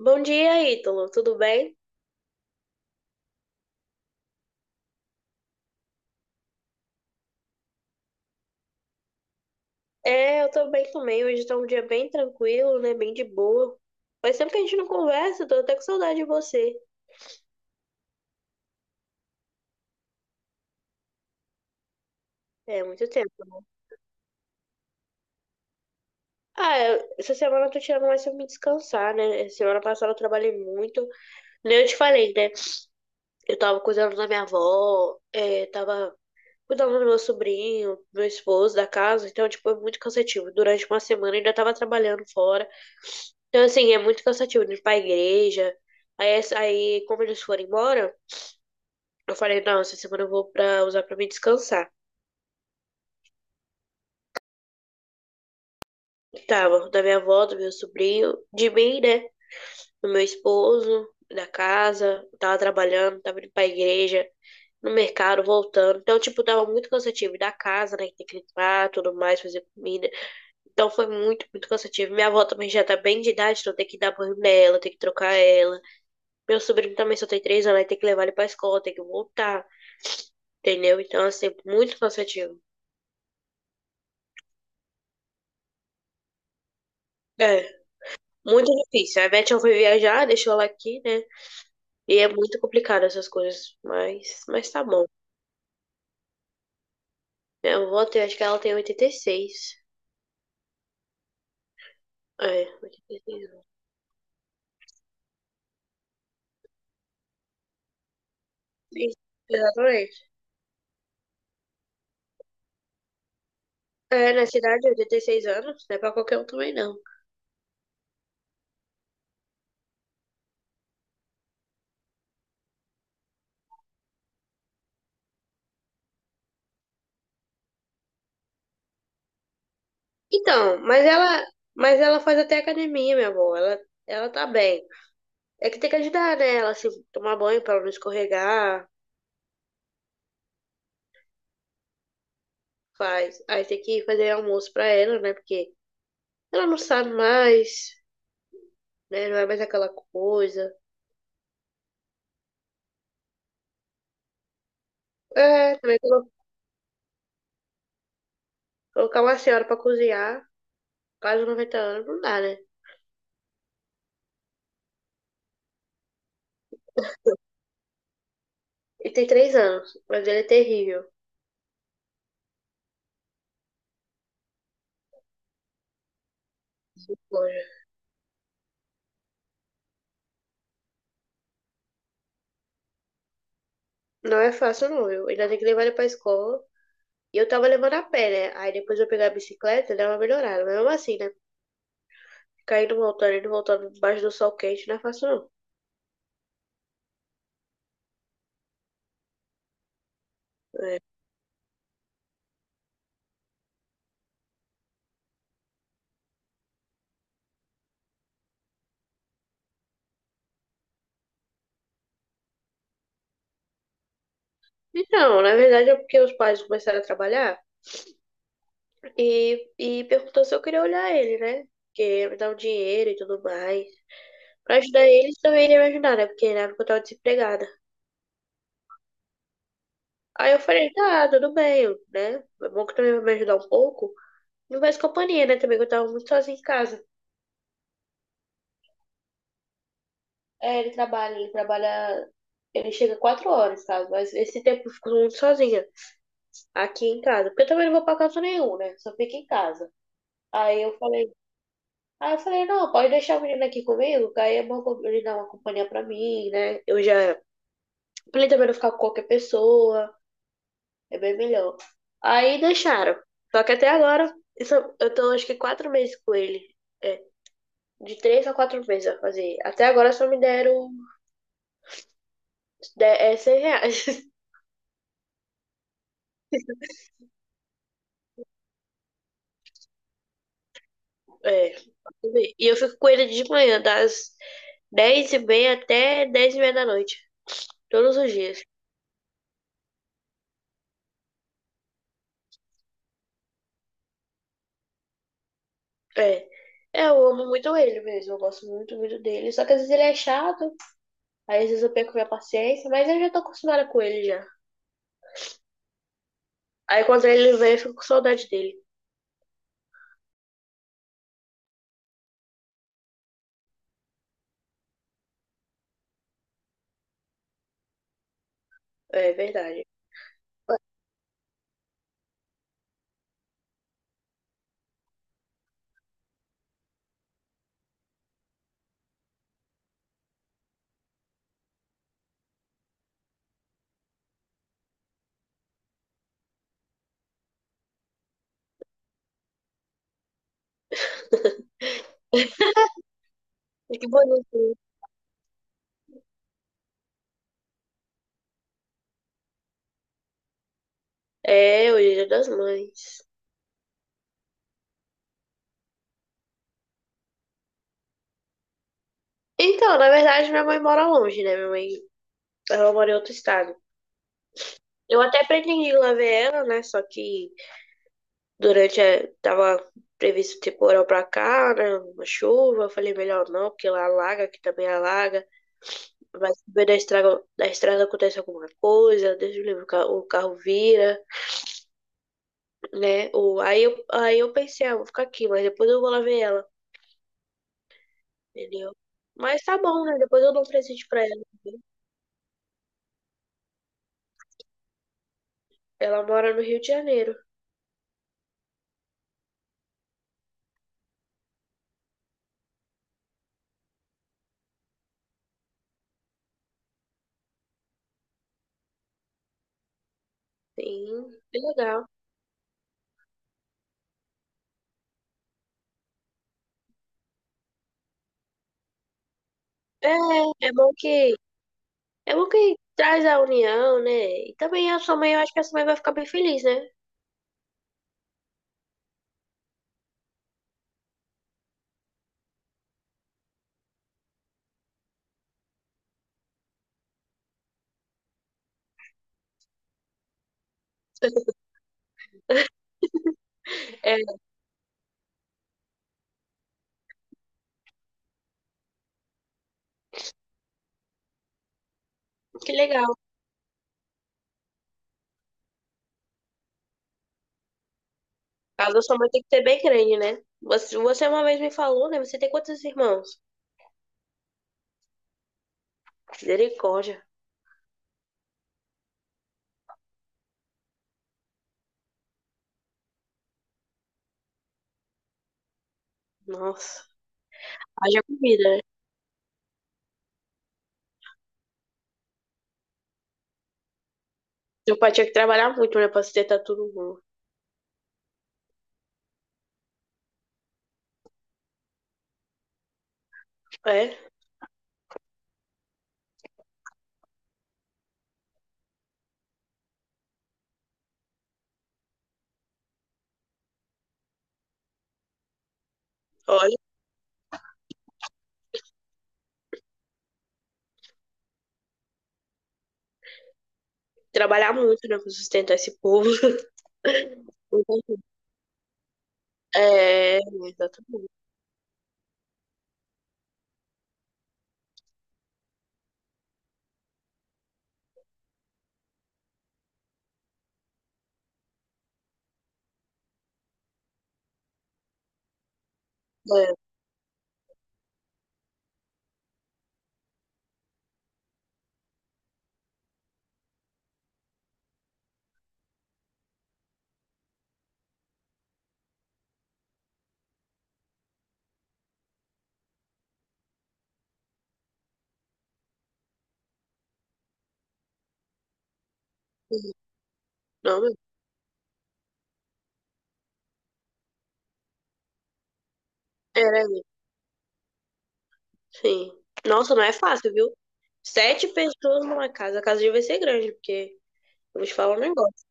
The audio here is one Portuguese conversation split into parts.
Bom dia, Ítalo. Tudo bem? Eu tô bem também. Hoje tá um dia bem tranquilo, né? Bem de boa. Faz tempo que a gente não conversa, tô até com saudade de você. É, muito tempo. Essa semana eu tô tirando mais pra me descansar, né? Semana passada eu trabalhei muito. Nem eu te falei, né? Eu tava cuidando da minha avó, é, tava cuidava do meu sobrinho, do meu esposo, da casa, então, tipo, é muito cansativo. Durante uma semana eu ainda tava trabalhando fora. Então, assim, é muito cansativo de ir pra igreja. Aí como eles foram embora, eu falei, não, essa semana eu vou pra usar pra me descansar. Tava da minha avó, do meu sobrinho, de mim, né? Do meu esposo, da casa, tava trabalhando, tava indo pra igreja, no mercado, voltando. Então, tipo, tava muito cansativo. E da casa, né? Que tem que limpar, tudo mais, fazer comida. Então foi muito, muito cansativo. Minha avó também já tá bem de idade, então tem que dar banho nela, tem que trocar ela. Meu sobrinho também só tem 3 anos, aí tem que levar ele pra escola, tem que voltar, entendeu? Então, assim, muito cansativo. É, muito difícil. A Beth foi viajar, deixou ela aqui, né? E é muito complicado essas coisas, mas tá bom. Minha avó tem, acho que ela tem 86. É, 86 anos. Isso, exatamente. É, na cidade, 86 anos, não é pra qualquer um também, não. Então, mas ela faz até academia, minha avó. Ela tá bem. É que tem que ajudar, né? Ela se tomar banho pra ela não escorregar, faz. Aí tem que fazer almoço pra ela, né? Porque ela não sabe mais, né? Não é mais aquela coisa. É, também colo- colocar uma senhora pra cozinhar, quase 90 anos, não dá, né? Ele tem 3 anos, mas ele é terrível. Olha, não é fácil, não, viu? Ainda tem que levar ele pra escola. E eu tava levando a pé, né? Aí depois eu pegar a bicicleta, dá uma melhorada. Mas mesmo assim, né? Cair voltando altar e debaixo do sol quente não é fácil, não. É. Então, na verdade é porque os pais começaram a trabalhar e perguntou se eu queria olhar ele, né? Porque ia me dar um dinheiro e tudo mais. Pra ajudar eles também iria me ajudar, né? Porque na época eu tava desempregada. Aí eu falei, tá, tudo bem, né? É bom que também vai me ajudar um pouco. Não faz companhia, né? Também que eu tava muito sozinha em casa. É, ele trabalha, ele trabalha. Ele chega 4 horas, sabe? Mas esse tempo eu fico muito sozinha. Aqui em casa, porque eu também não vou pra canto nenhum, né? Só fico em casa. Aí eu falei, aí eu falei, não, pode deixar a menina aqui comigo, que aí é bom ele dar uma companhia pra mim, né? Eu já, pra ele também não ficar com qualquer pessoa, é bem melhor. Aí deixaram. Só que até agora, eu tô acho que 4 meses com ele. É, de 3 a 4 meses a fazer. Até agora só me deram R$ 100. É, e eu fico com ele de manhã, das 10:30 até 22:30. Todos os dias. É. É, eu amo muito ele mesmo, eu gosto muito, muito dele. Só que às vezes ele é chato, aí às vezes eu perco minha paciência, mas eu já tô acostumada com ele já. Aí quando ele vem, eu fico com saudade dele. É verdade. E que bonito. É, o Dia das Mães. Então, na verdade, minha mãe mora longe, né? Minha mãe, ela mora em outro estado. Eu até pretendi ir lá ver ela, né? Só que durante a... tava previsto temporal pra cá, né? Uma chuva, eu falei melhor não, porque lá alaga, que também alaga. Vai saber da estrada acontece alguma coisa, Deus me livre, o carro vira, né? Aí eu pensei, ah, vou ficar aqui, mas depois eu vou lá ver ela, entendeu? Mas tá bom, né? Depois eu dou um presente pra ela, entendeu? Ela mora no Rio de Janeiro. Sim, é legal. É, é bom que, é bom que traz a união, né? E também a sua mãe, eu acho que a sua mãe vai ficar bem feliz, né? É, que legal. A casa da sua mãe tem que ser bem grande, né? Você uma vez me falou, né? Você tem quantos irmãos? Misericórdia. Nossa, haja comida, né? Seu pai tinha que trabalhar muito, né, pra sustentar todo mundo. É, olha, trabalhar muito, né, pra sustentar esse povo. É, exatamente. É, não, meu, era, sim. Nossa, não é fácil, viu? 7 pessoas numa casa. A casa devia ser grande, porque eu vou te falar um negócio.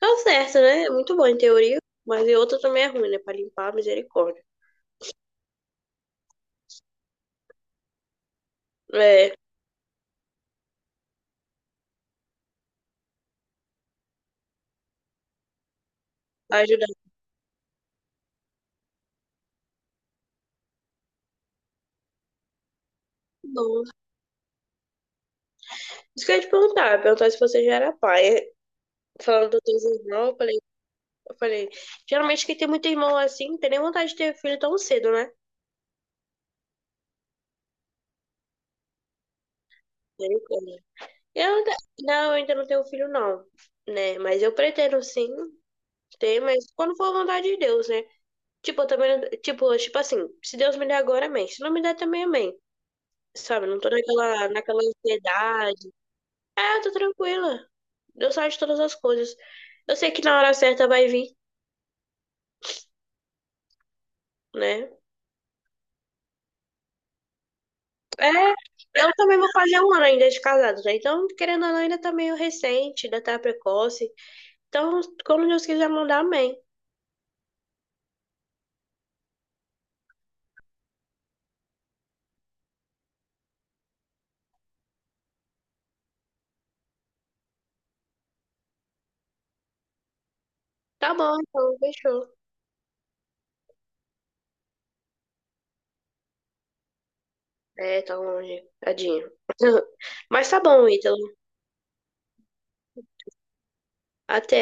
Tá certo, né? É muito bom em teoria, mas em outra também é ruim, né? Pra limpar, misericórdia. É, ajudar. Não. Isso que eu ia te perguntar, eu ia perguntar se você já era pai. É, falando dos teus irmãos, eu falei. Eu falei, geralmente quem tem muito irmão assim, não tem nem vontade de ter filho tão cedo, né? Misericórdia. Eu ainda, não, eu ainda não tenho filho, não, né? Mas eu pretendo sim ter, mas quando for a vontade de Deus, né? Tipo, eu também, não- tipo, tipo assim, se Deus me der agora, amém. Se não me der também, amém. Sabe, eu não tô naquela ansiedade. É, eu tô tranquila. Deus sabe de todas as coisas. Eu sei que na hora certa vai vir, né? É, eu também vou fazer 1 ano ainda de casados, né? Então, querendo ou não, ainda tá meio recente, ainda tá precoce. Então, quando Deus quiser mandar, amém. Tá bom, então, fechou. É, tá longe, tadinho. Mas tá bom, Ítalo. Até.